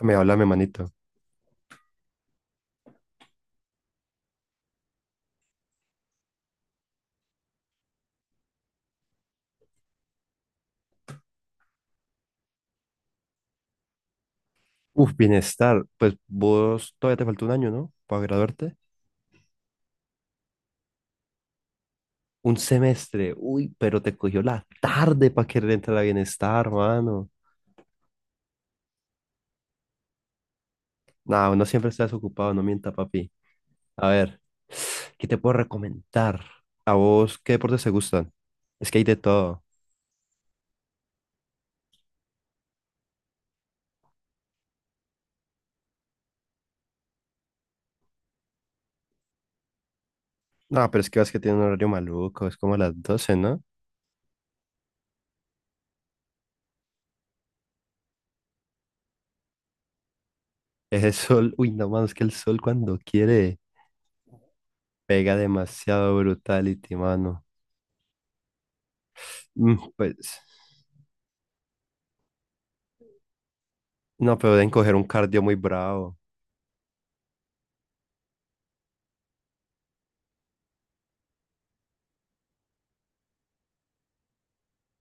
Me habla mi manito. Uf, bienestar. Pues vos todavía te falta un año, ¿no? Para graduarte. Un semestre. Uy, pero te cogió la tarde para querer entrar a bienestar, mano. Nada, uno siempre está desocupado, no mienta, papi. A ver, ¿qué te puedo recomendar? ¿A vos qué deportes te gustan? Es que hay de todo. No, pero es que vas que tiene un horario maluco, es como a las 12, ¿no? Es el sol. Uy, no, mano, es que el sol cuando quiere pega demasiado brutality, mano. Mm, pues. No, pero deben coger un cardio muy bravo.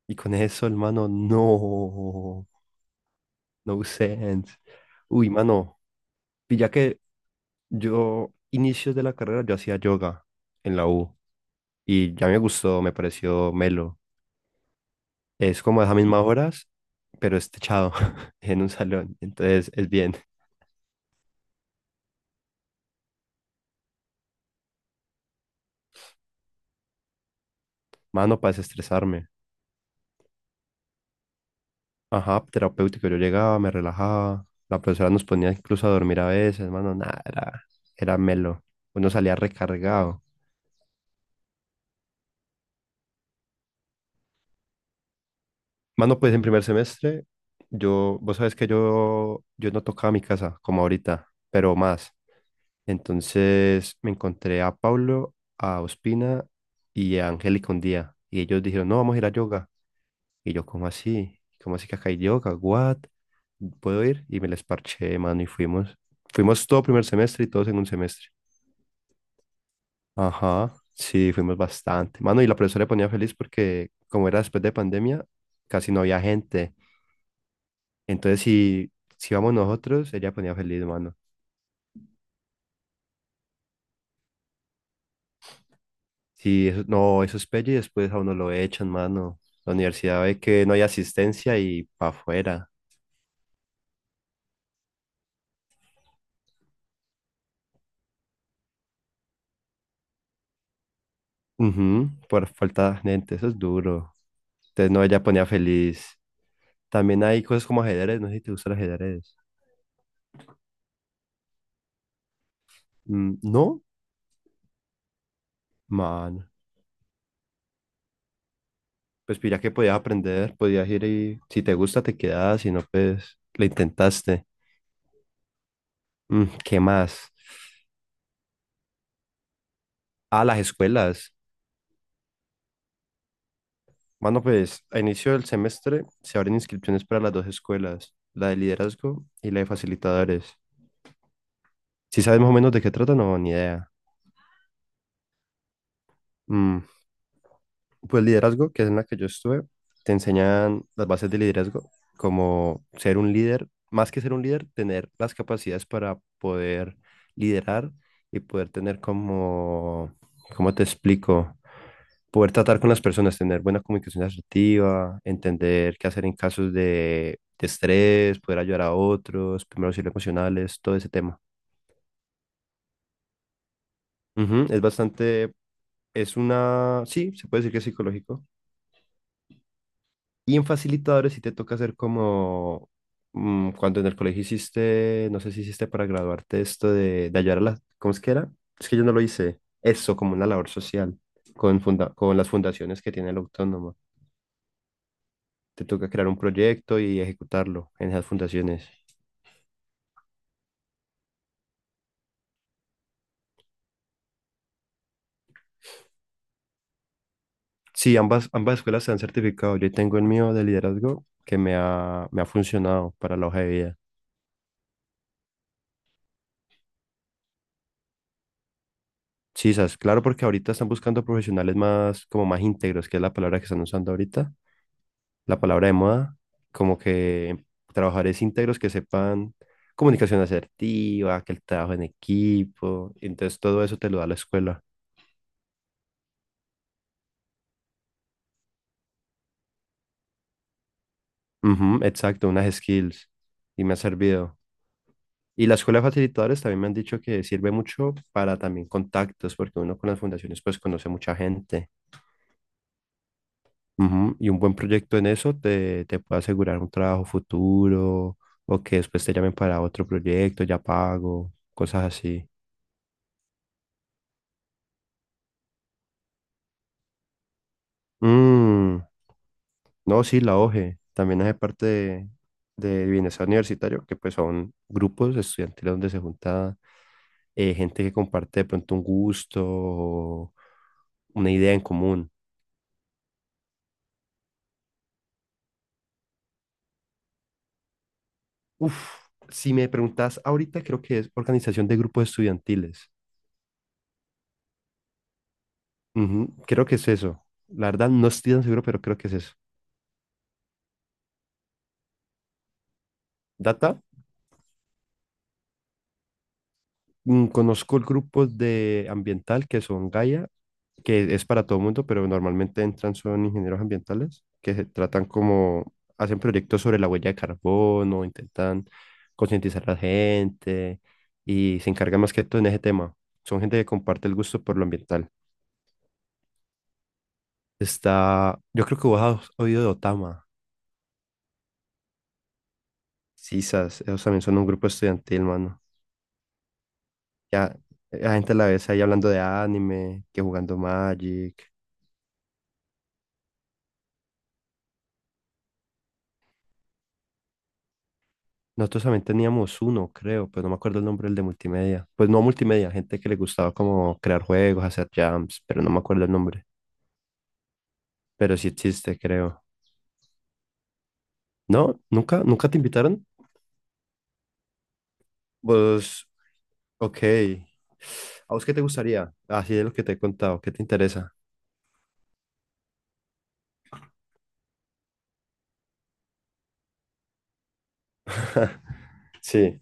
Y con eso, hermano, no. No sense. Uy, mano. Y ya que inicios de la carrera, yo hacía yoga en la U. Y ya me gustó, me pareció melo. Es como esas mismas horas, pero es techado en un salón. Entonces es bien. Mano, para desestresarme. Ajá, terapéutico. Yo llegaba, me relajaba. La profesora nos ponía incluso a dormir a veces, mano. Nada, era melo. Uno salía recargado. Mano, pues en primer semestre, vos sabes que yo no tocaba mi casa como ahorita, pero más. Entonces me encontré a Pablo, a Ospina y a Angélica un día. Y ellos dijeron, no, vamos a ir a yoga. Y yo, ¿cómo así? ¿Cómo así que acá hay yoga? ¿What? ¿Puedo ir? Y me les parché, mano, y fuimos. Fuimos todo primer semestre y todos en un semestre. Ajá, sí, fuimos bastante. Mano, y la profesora le ponía feliz porque como era después de pandemia, casi no había gente. Entonces, si vamos nosotros, ella ponía feliz, mano. Si eso, no, eso es pelle y después a uno lo echan, mano. La universidad ve que no hay asistencia y para afuera. Ujú, por falta de gente, eso es duro. Entonces, no, ella ponía feliz. También hay cosas como ajedrez, no sé si te gusta el ajedrez. Mm, no, mano. Pues ya que podías aprender, podías ir y si te gusta te quedas, si no, pues lo intentaste. Mm, ¿qué más? Ah, las escuelas. Mano, pues a inicio del semestre se abren inscripciones para las dos escuelas, la de liderazgo y la de facilitadores. ¿Si sabes más o menos de qué trata? No, ni idea. Mm, pues liderazgo, que es en la que yo estuve, te enseñan las bases de liderazgo, como ser un líder, más que ser un líder, tener las capacidades para poder liderar y poder tener como, ¿cómo te explico? Poder tratar con las personas, tener buena comunicación asertiva, entender qué hacer en casos de estrés, poder ayudar a otros, primeros auxilios emocionales, todo ese tema. Ujú, es bastante, es una, sí, se puede decir que es psicológico. Y en facilitadores sí te toca hacer como cuando en el colegio hiciste, no sé si hiciste para graduarte esto de ayudar a las, ¿cómo es que era? Es que yo no lo hice. Eso, como una labor social con las fundaciones que tiene el autónomo. Te toca crear un proyecto y ejecutarlo en esas fundaciones. Sí, ambas escuelas se han certificado. Yo tengo el mío de liderazgo que me ha funcionado para la hoja de vida. Sí, sabes, claro, porque ahorita están buscando profesionales más, como más íntegros, que es la palabra que están usando ahorita, la palabra de moda, como que trabajadores íntegros que sepan comunicación asertiva, que el trabajo en equipo, entonces todo eso te lo da la escuela. Ujú, exacto, unas skills y me ha servido. Y la escuela de facilitadores también me han dicho que sirve mucho para también contactos, porque uno con las fundaciones pues conoce mucha gente. Ujú, y un buen proyecto en eso te puede asegurar un trabajo futuro o que después te llamen para otro proyecto, ya pago, cosas así. Mm, no, sí, la OGE también hace parte de Bienestar Universitario, que pues son grupos estudiantiles donde se junta gente que comparte de pronto un gusto o una idea en común. Uf, si me preguntas ahorita, creo que es organización de grupos estudiantiles. Ujú, creo que es eso. La verdad, no estoy tan seguro, pero creo que es eso. ¿Data? Mm, conozco el grupo de ambiental que son Gaia, que es para todo el mundo, pero normalmente entran son ingenieros ambientales que se tratan como, hacen proyectos sobre la huella de carbono, intentan concientizar a la gente y se encargan más que todo en ese tema. Son gente que comparte el gusto por lo ambiental. Está, yo creo que vos has oído de Otama. Sisas, ellos también son un grupo estudiantil, mano. Ya, la gente a la vez ahí hablando de anime, que jugando Magic. Nosotros también teníamos uno, creo, pero no me acuerdo el nombre del de multimedia. Pues no multimedia, gente que le gustaba como crear juegos, hacer jams, pero no me acuerdo el nombre. Pero sí existe, creo. ¿No? ¿Nunca? ¿Nunca te invitaron? Pues, ok. ¿A vos qué te gustaría? Así de lo que te he contado, ¿qué te interesa? Sí,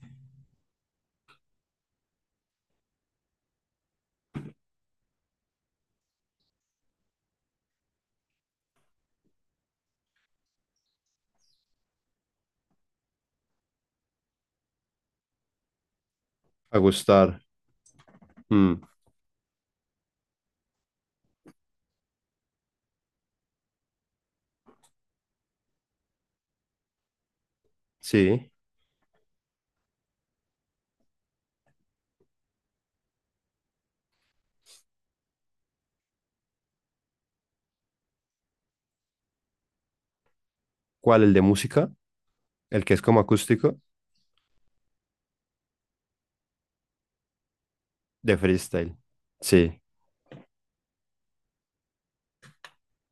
a gustar. Mm, sí. ¿Cuál? ¿El de música? ¿El que es como acústico? De freestyle. Sí.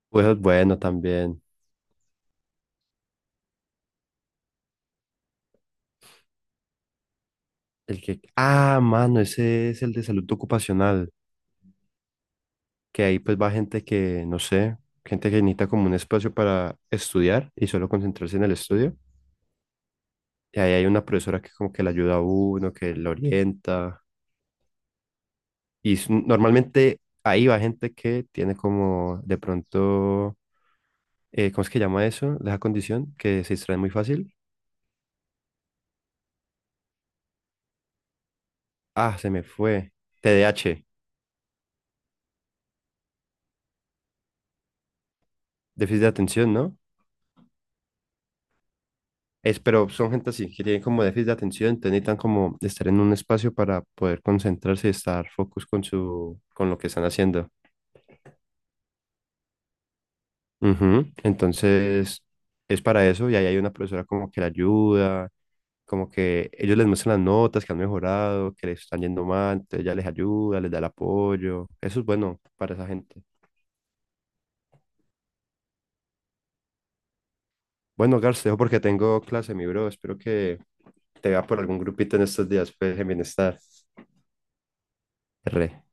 Pues bueno, también. El que... Ah, mano, ese es el de salud ocupacional. Que ahí pues va gente que, no sé, gente que necesita como un espacio para estudiar y solo concentrarse en el estudio. Y ahí hay una profesora que como que le ayuda a uno, que le orienta. Y normalmente ahí va gente que tiene como de pronto, ¿cómo es que llama eso? De esa condición que se distrae muy fácil. Ah, se me fue. TDAH déficit de atención, ¿no? Es, pero son gente así, que tienen como déficit de atención, entonces necesitan como estar en un espacio para poder concentrarse y estar focus con con lo que están haciendo. Ujú, entonces, es para eso y ahí hay una profesora como que la ayuda, como que ellos les muestran las notas que han mejorado, que les están yendo mal, entonces ella les ayuda, les da el apoyo. Eso es bueno para esa gente. Bueno, Garce, te dejo porque tengo clase, mi bro. Espero que te vea por algún grupito en estos días, pues, en bienestar. R.